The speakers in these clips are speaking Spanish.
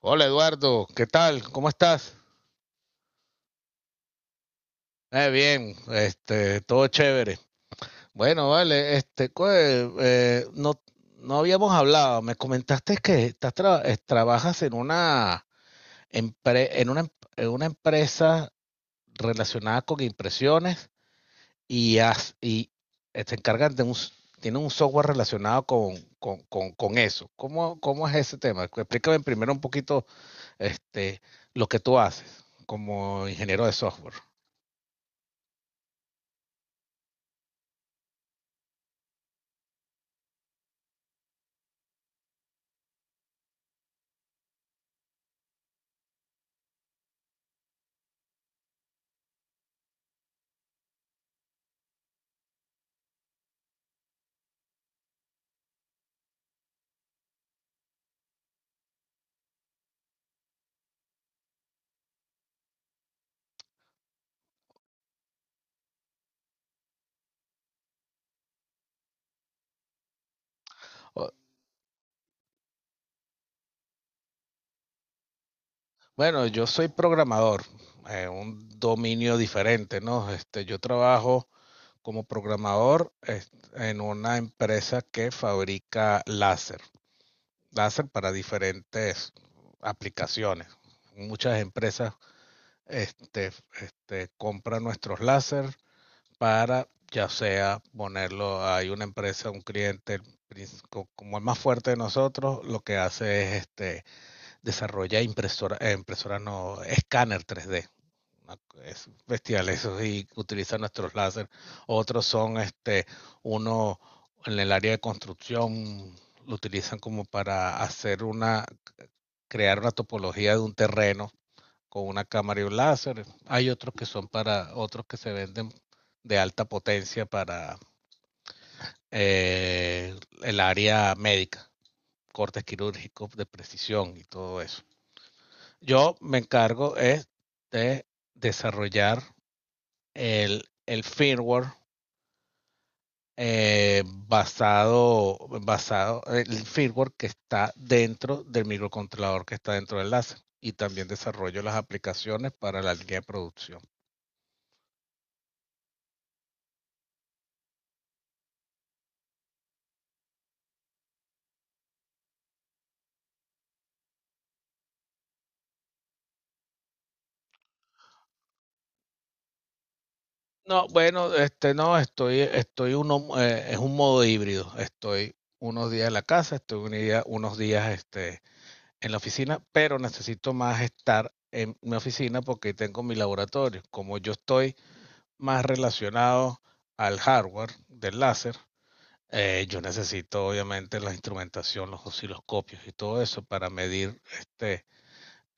Hola Eduardo, ¿qué tal? ¿Cómo estás? Bien, todo chévere. Bueno, vale, no, no habíamos hablado. Me comentaste que trabajas en una, empre- en una, em- en una empresa relacionada con impresiones y se encargan de tienen un software relacionado con eso. ¿ cómo es ese tema? Explícame primero un poquito, este, lo que tú haces como ingeniero de software. O- Bueno, yo soy programador, un dominio diferente, ¿no? Este, yo trabajo como programador es- en una empresa que fabrica láser, láser para diferentes aplicaciones. Muchas empresas, este, compran nuestros láser para, ya sea ponerlo, hay una empresa, un cliente, como el más fuerte de nosotros, lo que hace es desarrolla impresora no, escáner 3D. Es bestial eso y utilizan nuestros láser. Otros son uno en el área de construcción, lo utilizan como para hacer una, crear una topología de un terreno con una cámara y un láser. Hay otros que son para, otros que se venden de alta potencia para eh, el área médica, cortes quirúrgicos de precisión y todo eso. Yo me encargo es de desarrollar el firmware el firmware que está dentro del microcontrolador que está dentro del láser. Y también desarrollo las aplicaciones para la línea de producción. No, bueno, este no, estoy uno, es un modo híbrido. Estoy unos días en la casa, estoy un día, unos días en la oficina, pero necesito más estar en mi oficina porque tengo mi laboratorio. Como yo estoy más relacionado al hardware del láser, yo necesito obviamente la instrumentación, los osciloscopios y todo eso para medir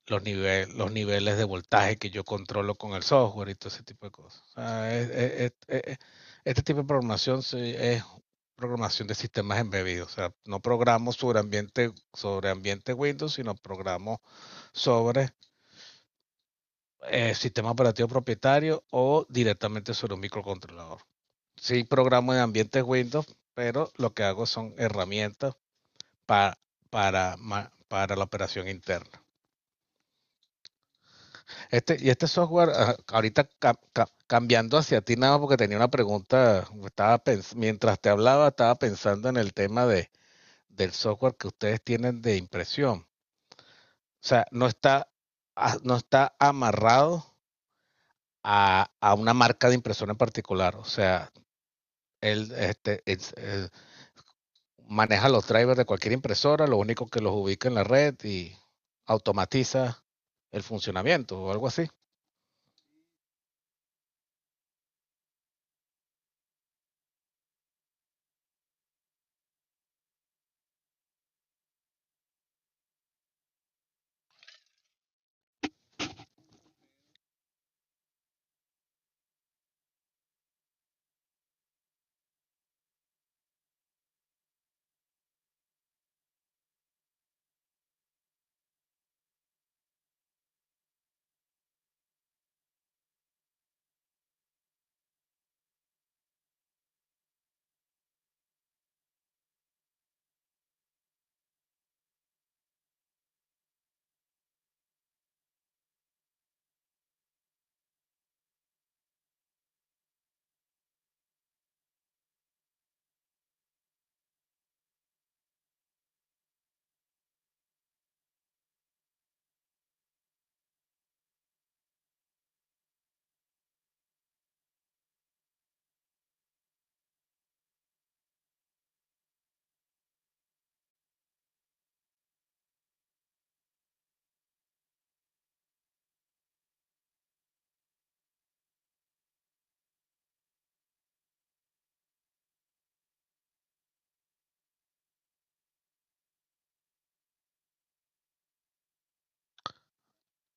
los niveles de voltaje que yo controlo con el software y todo ese tipo de cosas. O sea, es- este tipo de programación sí es programación de sistemas embebidos. O sea, no programo sobre ambiente Windows, sino programo sobre sistema operativo propietario o directamente sobre un microcontrolador. Sí programo en ambientes Windows, pero lo que hago son herramientas pa- para, para la operación interna. Este, y este software, ah, ahorita cambiando hacia ti nada, porque tenía una pregunta, estaba mientras te hablaba, estaba pensando en el tema de, del software que ustedes tienen de impresión. O sea, no está, ah, no está amarrado a una marca de impresora en particular. O sea, él este, es- eh, maneja los drivers de cualquier impresora, lo único que los ubica en la red y automatiza el funcionamiento o algo así.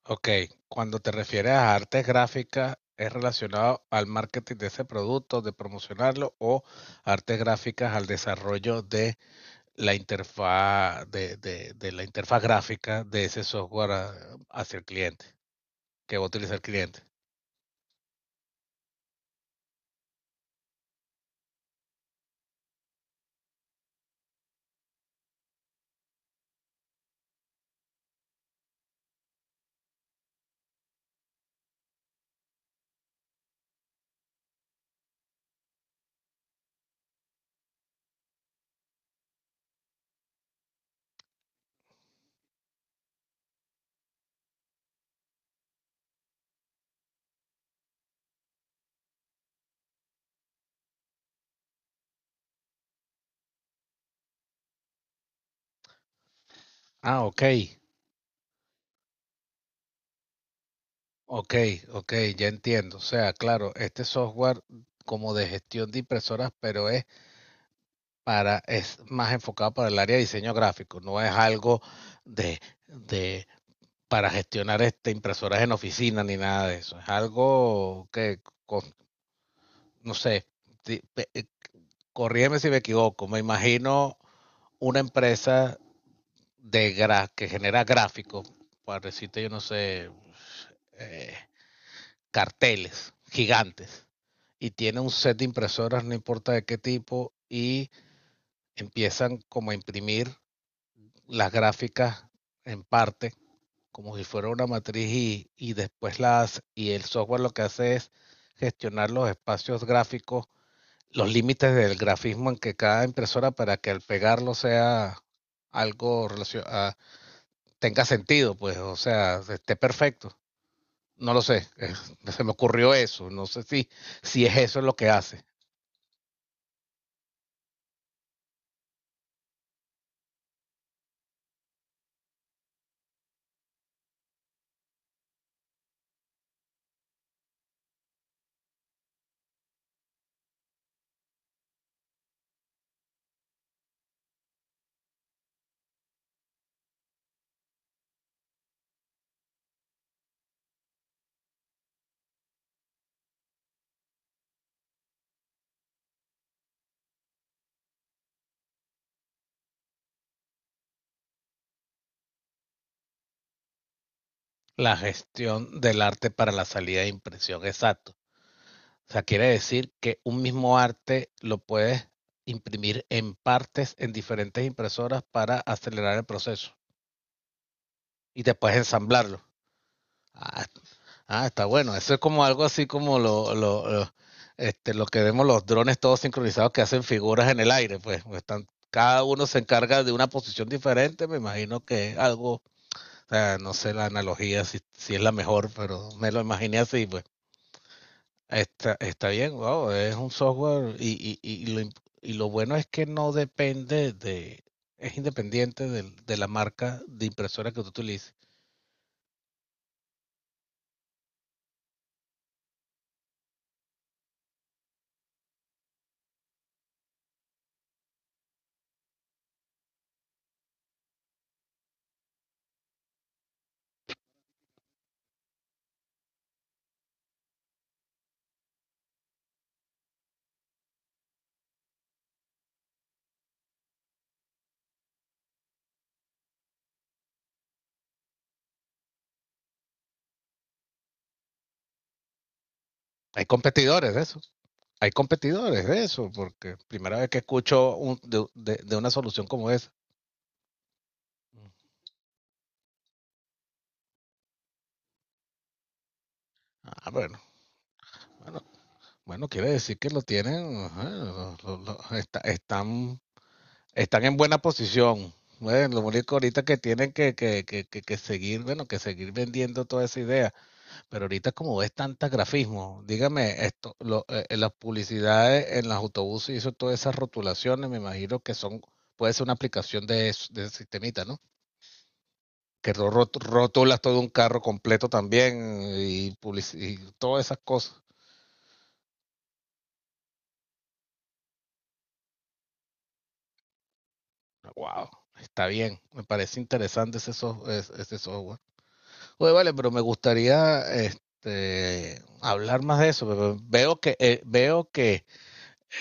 Ok, cuando te refieres a artes gráficas, ¿es relacionado al marketing de ese producto, de promocionarlo o artes gráficas al desarrollo de de la interfaz gráfica de ese software hacia el cliente, que va a utilizar el cliente. Ah, ok, ok, ok, ya entiendo. O sea, claro, este software como de gestión de impresoras, pero es para, es más enfocado para el área de diseño gráfico, no es algo de, de para gestionar impresoras en oficina ni nada de eso. Es algo que, con- no sé, ti- eh, corrígeme si me equivoco, me imagino una empresa de gra que genera gráficos, para decirte, yo no sé, eh, carteles gigantes, y tiene un set de impresoras, no importa de qué tipo, y empiezan como a imprimir las gráficas en parte como si fuera una matriz y después las y el software lo que hace es gestionar los espacios gráficos, los límites del grafismo en que cada impresora para que al pegarlo sea algo tenga sentido, pues, o sea, esté perfecto. No lo sé, se me ocurrió eso, no sé si, si es eso lo que hace, la gestión del arte para la salida de impresión, exacto. O sea, quiere decir que un mismo arte lo puedes imprimir en partes en diferentes impresoras para acelerar el proceso y después ensamblarlo. Ah, ah, está bueno. Eso es como algo así como lo que vemos los drones todos sincronizados que hacen figuras en el aire, pues, están, cada uno se encarga de una posición diferente, me imagino que es algo, o sea, no sé la analogía si, si es la mejor, pero me lo imaginé así, pues. Está, está bien, wow, es un software y y lo bueno es que no depende de, es independiente la marca de impresora que tú utilices. Hay competidores de eso, hay competidores de eso, porque primera vez que escucho de una solución como esa. Ah, bueno, bueno, quiere decir que lo tienen, ajá, están, están en buena posición. Bueno, lo único ahorita que tienen que seguir, bueno, que seguir vendiendo toda esa idea. Pero ahorita como ves tanta grafismo, dígame esto, las publicidades en los autobuses y eso, todas esas rotulaciones, me imagino que son, puede ser una aplicación de, de ese sistemita, ¿no? Que rotulas todo un carro completo también y, y todas esas cosas. Wow, está bien, me parece interesante ese, ese software. Oye, vale, pero me gustaría hablar más de eso. Pero veo que, veo que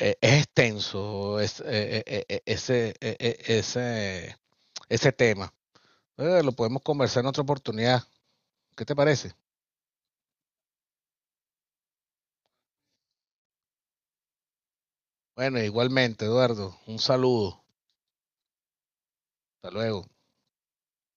es extenso es, eh, eh, eh, ese, eh, eh, ese, ese tema. Lo podemos conversar en otra oportunidad. ¿Qué te parece? Bueno, igualmente, Eduardo, un saludo. Hasta luego.